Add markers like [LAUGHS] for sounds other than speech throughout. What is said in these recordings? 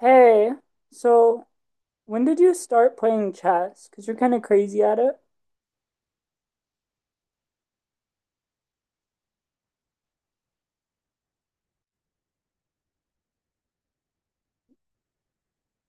Hey, so when did you start playing chess? Because you're kind of crazy at it.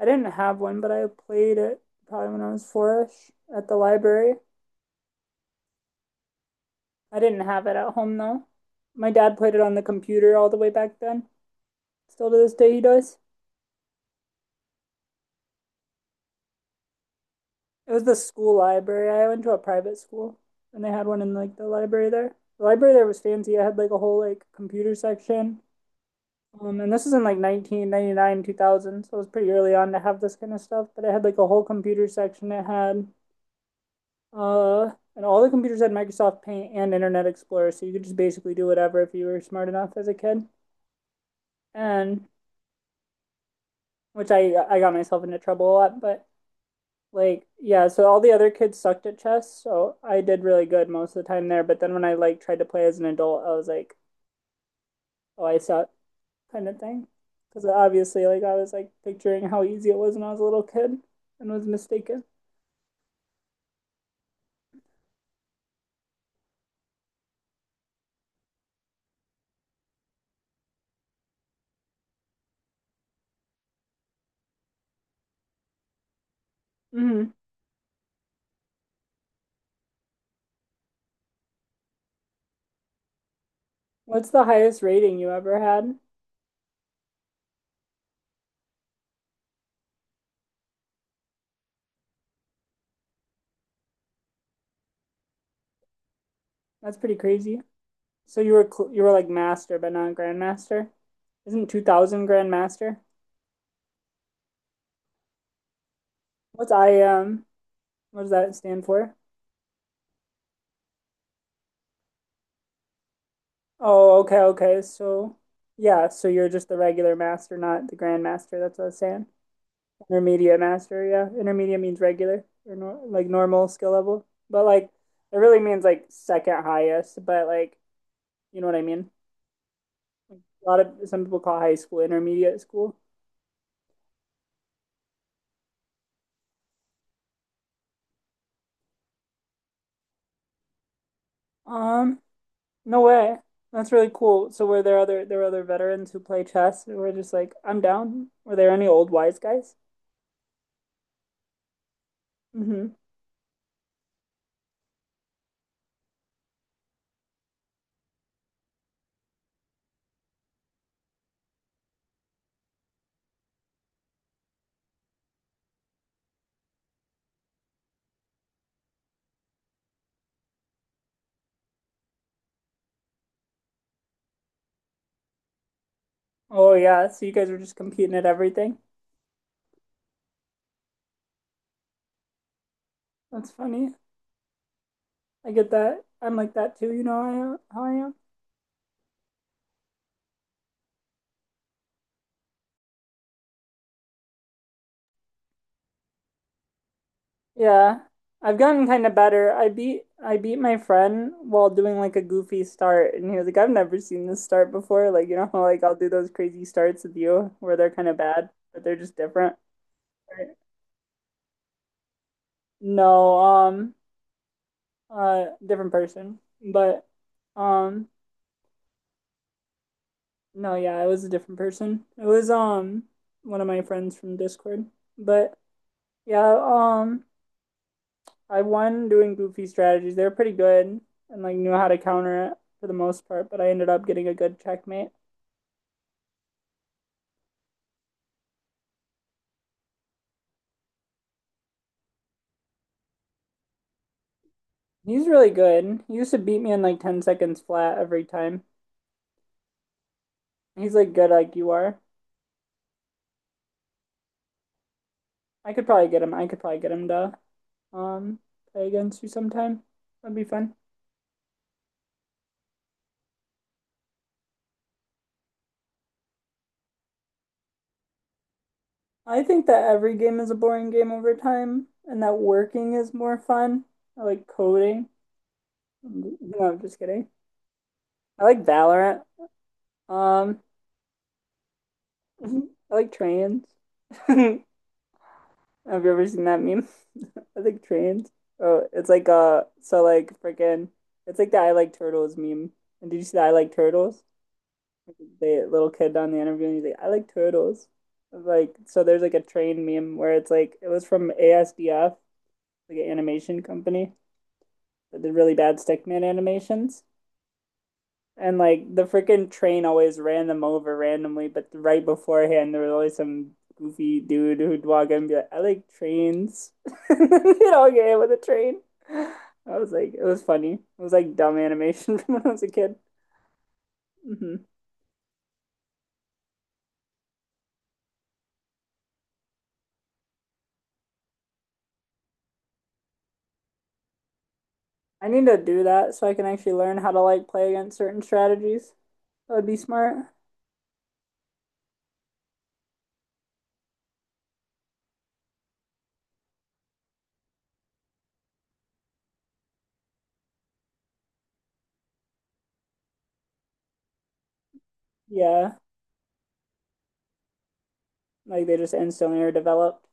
I didn't have one, but I played it probably when I was four-ish at the library. I didn't have it at home though. My dad played it on the computer all the way back then. Still to this day, he does. It was the school library. I went to a private school, and they had one in like the library there. The library there was fancy. It had like a whole like computer section. And this is in like 1999, 2000, so it was pretty early on to have this kind of stuff. But it had like a whole computer section. It had, and all the computers had Microsoft Paint and Internet Explorer, so you could just basically do whatever if you were smart enough as a kid. And which I got myself into trouble a lot, but like yeah, so all the other kids sucked at chess, so I did really good most of the time there. But then when I like tried to play as an adult, I was like, oh, I suck, kind of thing. Because obviously, like, I was like picturing how easy it was when I was a little kid and was mistaken. Mm-hmm. What's the highest rating you ever had? That's pretty crazy. So you were you were like master, but not grandmaster. Isn't 2000 grandmaster? What's IM? What does that stand for? Oh, okay, okay. So yeah, so you're just the regular master, not the grandmaster. That's what I was saying. Intermediate master, yeah. Intermediate means regular or nor like normal skill level. But like it really means like second highest, but like you know what I mean? A lot of some people call high school intermediate school. Um, no way. That's really cool. So were there other there were other veterans who play chess who were just like, I'm down. Were there any old wise guys? Mm-hmm. Oh yeah, so you guys were just competing at everything. That's funny. I get that. I'm like that too, you know how I am. Yeah, I've gotten kind of better. I beat my friend while doing like a goofy start, and he was like, "I've never seen this start before." Like, you know how like I'll do those crazy starts with you where they're kind of bad, but they're just different. Right. No, different person, but um, no, yeah, it was a different person. It was one of my friends from Discord, but yeah, um. I won doing goofy strategies. They were pretty good and like knew how to counter it for the most part, but I ended up getting a good checkmate. He's really good. He used to beat me in like 10 seconds flat every time. He's like good like you are. I could probably get him. I could probably get him to um play against you sometime. That'd be fun. I think that every game is a boring game over time and that working is more fun. I like coding. No, I'm just kidding. I like Valorant. Um, [LAUGHS] I like trains. [LAUGHS] Have you ever seen that meme? [LAUGHS] I think trains. Oh, it's like it's like the I like turtles meme. And did you see the I like turtles? Like, the little kid on the interview, and he's like, I like turtles. Like, so there's like a train meme where it's like it was from ASDF, like an animation company that did really bad stickman animations, and like the freaking train always ran them over randomly, but right beforehand there was always some goofy dude who'd walk in and be like, I like trains. [LAUGHS] You know, get hit with a train. I was like, it was funny. It was like dumb animation [LAUGHS] from when I was a kid. Hmm. I need to do that so I can actually learn how to like play against certain strategies. That would be smart. Yeah, like they just instantly are developed.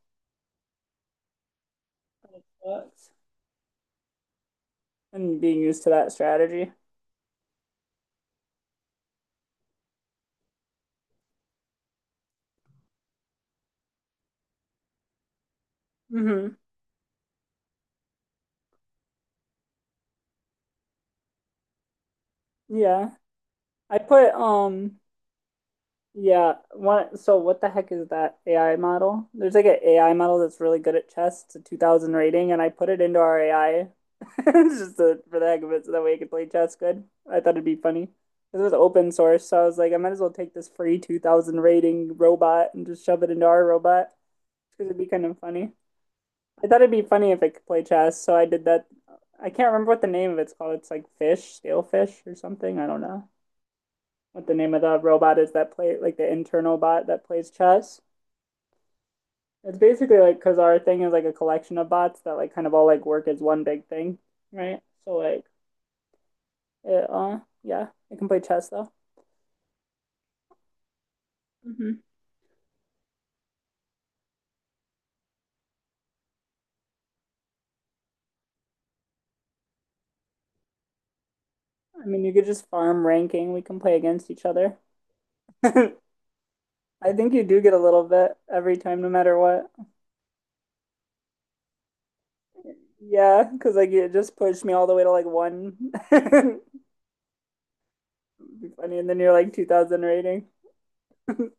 And being used to that strategy. Hmm. Yeah. I put Yeah, one, so what the heck is that AI model? There's like an AI model that's really good at chess. It's a 2000 rating, and I put it into our AI [LAUGHS] just to, for the heck of it, so that way it could play chess good. I thought it'd be funny. 'Cause it was open source, so I was like, I might as well take this free 2000 rating robot and just shove it into our robot because it'd be kind of funny. I thought it'd be funny if it could play chess, so I did that. I can't remember what the name of it's called. It's like Fish, Stale Fish or something. I don't know what the name of the robot is that play like the internal bot that plays chess. It's basically like because our thing is like a collection of bots that like kind of all like work as one big thing, right? So like yeah, it can play chess though. Mm-hmm. I mean, you could just farm ranking. We can play against each other. [LAUGHS] I think you do get a little bit every time, no matter what. Yeah, because like it just pushed me all the way to like one. [LAUGHS] It'd be funny, and then you're like 2000 rating. [LAUGHS]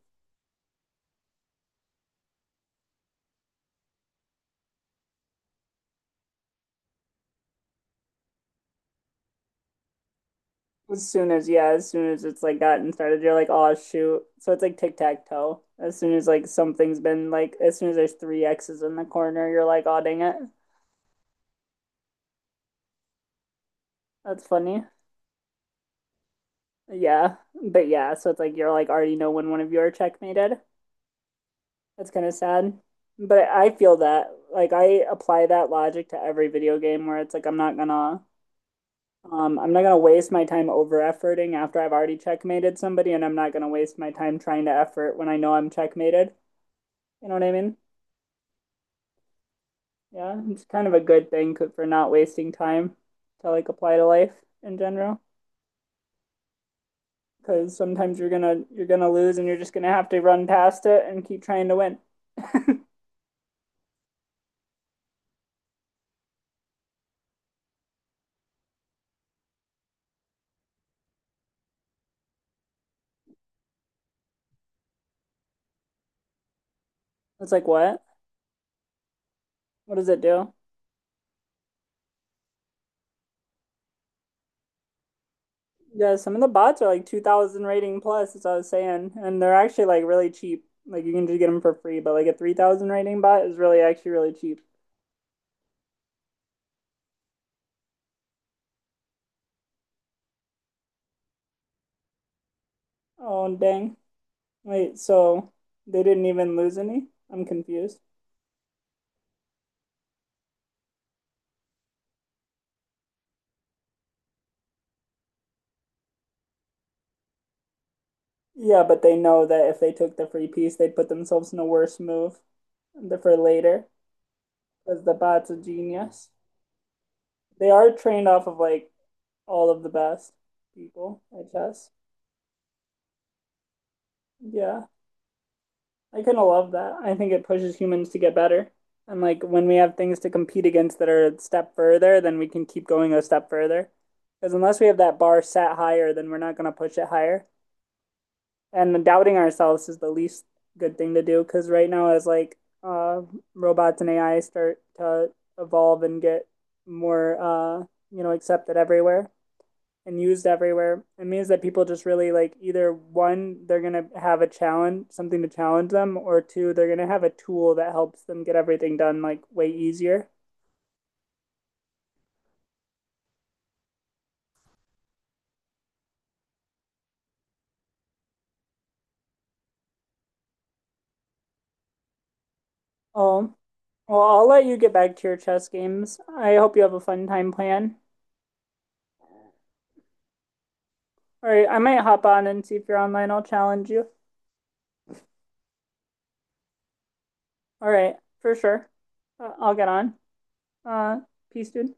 As soon as it's like gotten started, you're like, oh shoot. So it's like tic-tac-toe. As soon as like something's been like, as soon as there's three X's in the corner, you're like, oh dang it. That's funny. Yeah. But yeah, so it's like you're like already know when one of you are checkmated. That's kind of sad. But I feel that like I apply that logic to every video game where it's like I'm not gonna waste my time over efforting after I've already checkmated somebody and I'm not gonna waste my time trying to effort when I know I'm checkmated. You know what I mean? Yeah, it's kind of a good thing for not wasting time to like apply to life in general because sometimes you're gonna lose and you're just gonna have to run past it and keep trying to win. It's like what? What does it do? Yeah, some of the bots are like 2000 rating plus, as I was saying, and they're actually like really cheap. Like you can just get them for free, but like a 3,000 rating bot is really actually really cheap. Oh, dang. Wait, so they didn't even lose any? I'm confused. Yeah, but they know that if they took the free piece, they'd put themselves in a worse move for later because the bot's a genius. They are trained off of like all of the best people at chess. Yeah. I kind of love that. I think it pushes humans to get better. And like when we have things to compete against that are a step further, then we can keep going a step further. Because unless we have that bar set higher, then we're not going to push it higher. And doubting ourselves is the least good thing to do. Because right now, as like uh, robots and AI start to evolve and get more, you know, accepted everywhere, and used everywhere. It means that people just really like either one, they're gonna have a challenge, something to challenge them, or two, they're gonna have a tool that helps them get everything done like way easier. Oh, well, I'll let you get back to your chess games. I hope you have a fun time playing. All right, I might hop on and see if you're online. I'll challenge you. All right, for sure. I'll get on. Uh, Peace, dude.